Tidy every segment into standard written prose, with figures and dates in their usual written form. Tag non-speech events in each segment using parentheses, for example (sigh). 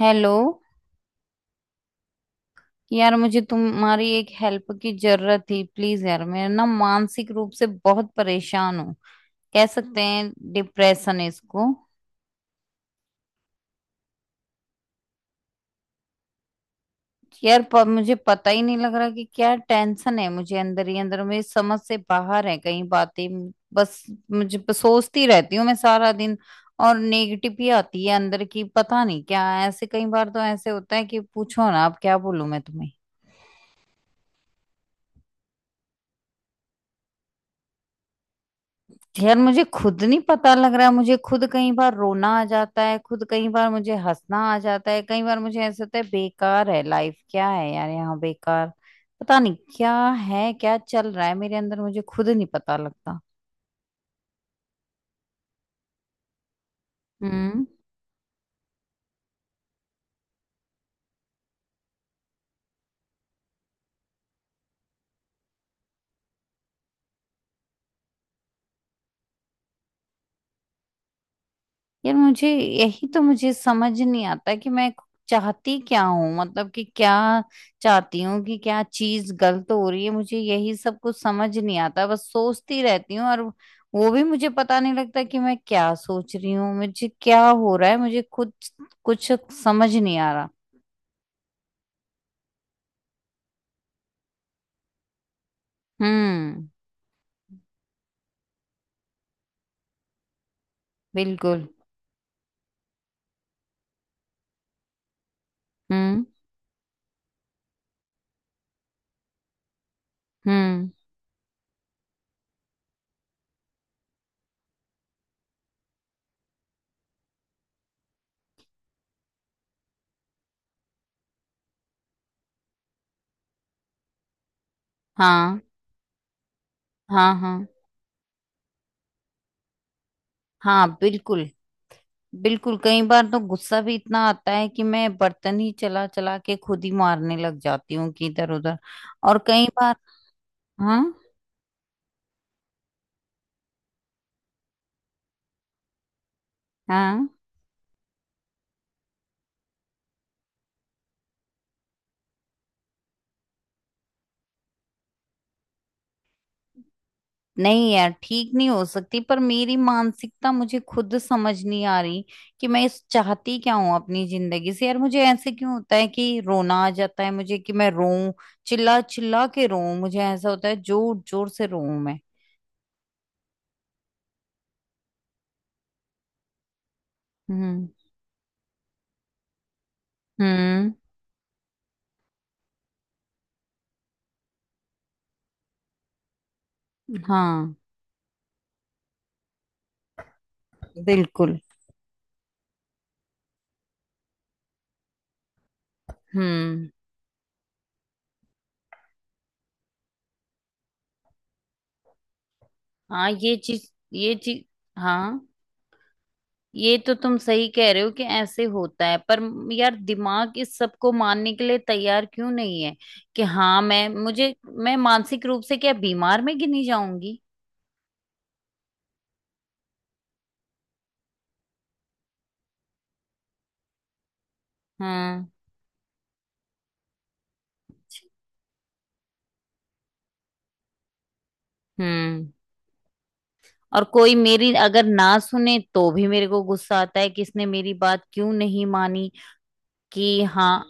Hello. यार मुझे तुम्हारी एक हेल्प की जरूरत थी। प्लीज यार, मैं ना मानसिक रूप से बहुत परेशान हूँ। कह सकते हैं डिप्रेशन है इसको। यार मुझे पता ही नहीं लग रहा कि क्या टेंशन है मुझे। अंदर ही अंदर मेरी समझ से बाहर है कई बातें। बस मुझे बस सोचती रहती हूँ मैं सारा दिन। और नेगेटिव ही आती है अंदर की, पता नहीं क्या। ऐसे कई बार तो ऐसे होता है कि पूछो ना, अब क्या बोलूं मैं तुम्हें। यार मुझे खुद नहीं पता लग रहा है। मुझे खुद कई बार रोना आ जाता है, खुद कई बार मुझे हंसना आ जाता है। कई बार मुझे ऐसा होता है बेकार है लाइफ, क्या है यार यहाँ, बेकार। पता नहीं क्या है, क्या चल रहा है मेरे अंदर, मुझे खुद नहीं पता लगता। हम्म। यार मुझे यही तो मुझे समझ नहीं आता कि मैं चाहती क्या हूँ। मतलब कि क्या चाहती हूँ, कि क्या चीज गलत हो रही है, मुझे यही सब कुछ समझ नहीं आता। बस सोचती रहती हूँ, और वो भी मुझे पता नहीं लगता कि मैं क्या सोच रही हूँ, मुझे क्या हो रहा है। मुझे खुद कुछ समझ नहीं आ रहा। हम्म। बिल्कुल। हम्म। हम्म। हाँ। हाँ। हाँ हाँ। बिल्कुल। बिल्कुल कई बार तो गुस्सा भी इतना आता है कि मैं बर्तन ही चला चला के खुद ही मारने लग जाती हूँ, कि इधर उधर। और कई बार। हाँ। हाँ। नहीं यार ठीक नहीं हो सकती, पर मेरी मानसिकता मुझे खुद समझ नहीं आ रही कि मैं इस चाहती क्या हूँ अपनी जिंदगी से। यार मुझे ऐसे क्यों होता है कि रोना आ जाता है मुझे, कि मैं रोऊं, चिल्ला चिल्ला के रोऊं। मुझे ऐसा होता है जोर जोर से रोऊं मैं। हम्म। हम्म। हाँ बिल्कुल। हम्म। हाँ ये चीज ये चीज। हाँ ये तो तुम सही कह रहे हो कि ऐसे होता है, पर यार दिमाग इस सब को मानने के लिए तैयार क्यों नहीं है, कि हाँ मैं मानसिक रूप से क्या बीमार में गिनी जाऊंगी। हम्म। हम्म। और कोई मेरी अगर ना सुने तो भी मेरे को गुस्सा आता है कि इसने मेरी बात क्यों नहीं मानी। कि हाँ।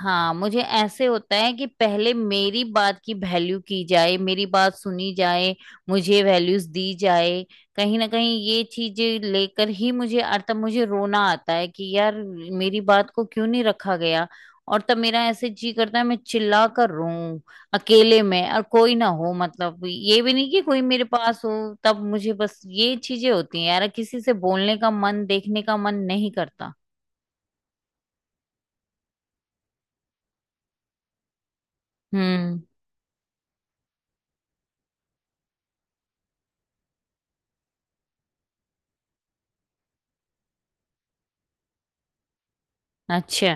हाँ मुझे ऐसे होता है कि पहले मेरी बात की वैल्यू की जाए, मेरी बात सुनी जाए, मुझे वैल्यूज दी जाए। कहीं ना कहीं ये चीजें लेकर ही मुझे, अर्थात मुझे रोना आता है कि यार मेरी बात को क्यों नहीं रखा गया। और तब मेरा ऐसे जी करता है मैं चिल्ला कर रोऊं अकेले में, और कोई ना हो, मतलब ये भी नहीं कि कोई मेरे पास हो। तब मुझे बस ये चीजें होती हैं, यार किसी से बोलने का मन, देखने का मन नहीं करता। हम्म। अच्छा।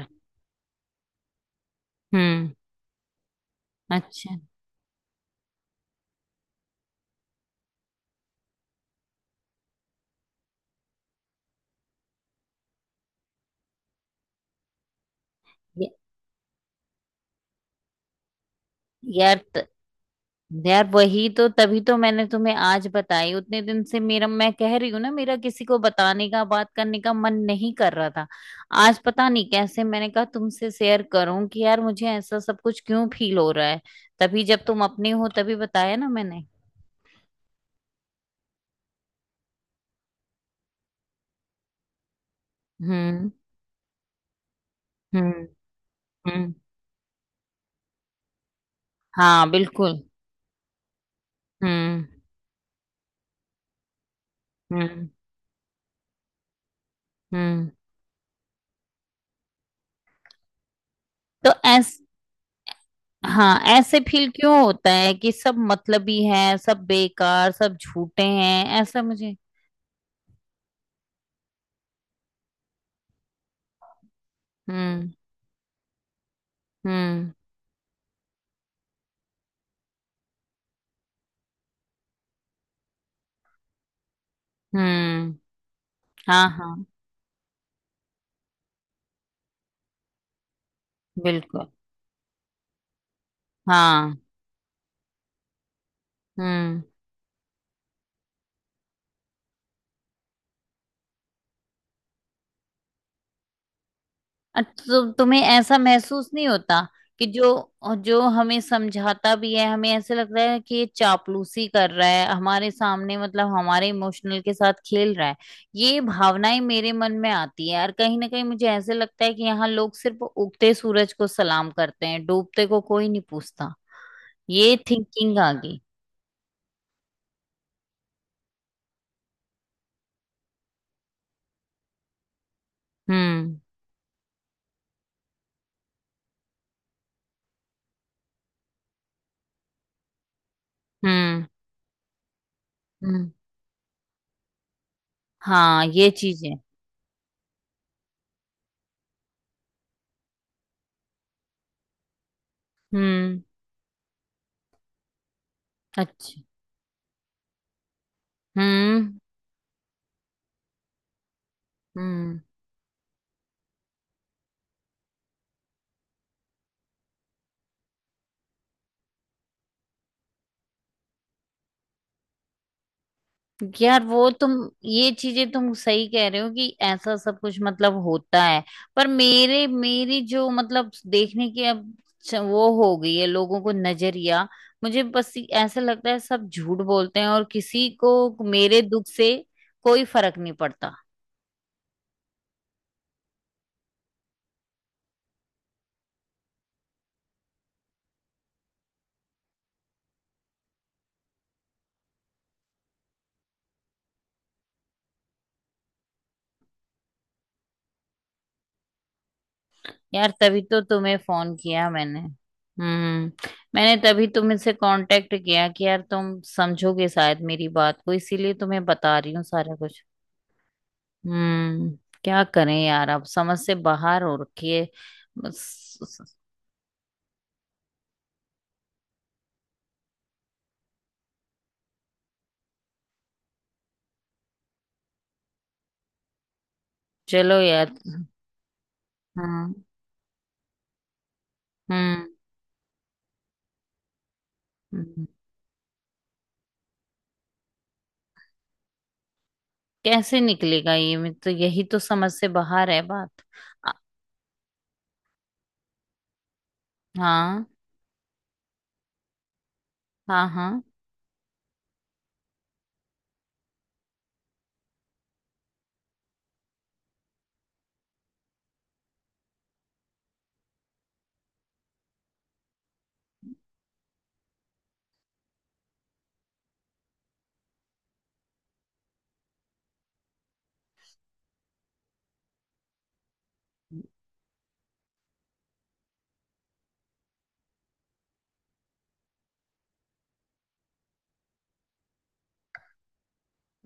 हम्म। अच्छा। य- यार त, यार वही तो, तभी तो मैंने तुम्हें आज बताई। उतने दिन से मेरा, मैं कह रही हूँ ना, मेरा किसी को बताने का, बात करने का मन नहीं कर रहा था। आज पता नहीं कैसे मैंने कहा तुमसे शेयर करूं कि यार मुझे ऐसा सब कुछ क्यों फील हो रहा है। तभी जब तुम अपने हो तभी बताया ना मैंने। हम्म। हम्म। हम्म। हाँ बिल्कुल। हम्म। हम्म। हम्म। तो ऐस हाँ ऐसे फील क्यों होता है कि सब मतलबी हैं, सब बेकार, सब झूठे हैं, ऐसा मुझे। हम्म। हम्म। हम्म। हाँ हाँ बिल्कुल। हाँ। हम्म। अच्छा, तो तुम्हें ऐसा महसूस नहीं होता कि जो जो हमें समझाता भी है हमें ऐसे लगता है कि ये चापलूसी कर रहा है हमारे सामने, मतलब हमारे इमोशनल के साथ खेल रहा है। ये भावनाएं मेरे मन में आती है, और कहीं ना कहीं मुझे ऐसे लगता है कि यहाँ लोग सिर्फ उगते सूरज को सलाम करते हैं, डूबते को कोई नहीं पूछता। ये थिंकिंग आ गई। हम्म। हम्म। हम्म। हाँ ये चीज है। हम्म। अच्छा। हम्म। हम्म। यार वो तुम ये चीजें तुम सही कह रहे हो कि ऐसा सब कुछ मतलब होता है, पर मेरे, मेरी जो मतलब देखने की अब वो हो गई है लोगों को नजरिया। मुझे बस ऐसा लगता है सब झूठ बोलते हैं, और किसी को मेरे दुख से कोई फर्क नहीं पड़ता। यार तभी तो तुम्हें फोन किया मैंने। हम्म। मैंने तभी तुमसे कांटेक्ट किया कि यार तुम समझोगे शायद मेरी बात को, इसीलिए तुम्हें बता रही हूँ सारा कुछ। हम्म। क्या करें यार, अब समझ से बाहर हो रखी है। बस- चलो यार। हाँ। हम्म। हम्म, कैसे निकलेगा ये, मैं तो यही तो समझ से बाहर है बात। आ- हाँ। हाँ। हाँ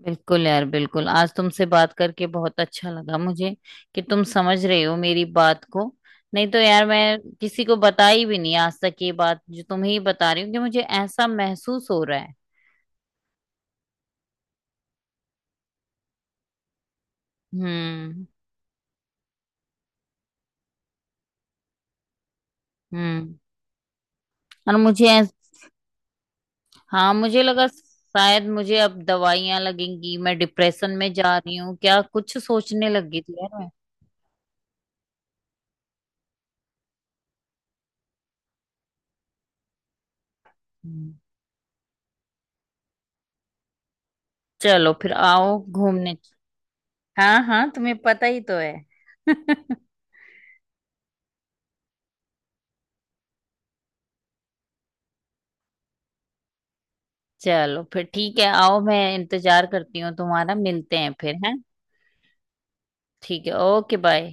बिल्कुल। यार बिल्कुल आज तुमसे बात करके बहुत अच्छा लगा मुझे, कि तुम समझ रहे हो मेरी बात को। नहीं तो यार मैं किसी को बताई भी नहीं आज तक ये बात, जो तुम्हें ही बता रही हूँ कि मुझे ऐसा महसूस हो रहा है। हम्म। हम्म। और मुझे ऐस- हाँ मुझे लगा शायद मुझे अब दवाइयां लगेंगी, मैं डिप्रेशन में जा रही हूँ क्या, कुछ सोचने लगी थी यार मैं। हम्म। चलो फिर आओ घूमने। हाँ हाँ तुम्हें पता ही तो है। (laughs) चलो फिर ठीक है, आओ मैं इंतजार करती हूँ तुम्हारा, मिलते हैं फिर हैं। ठीक है, ओके बाय।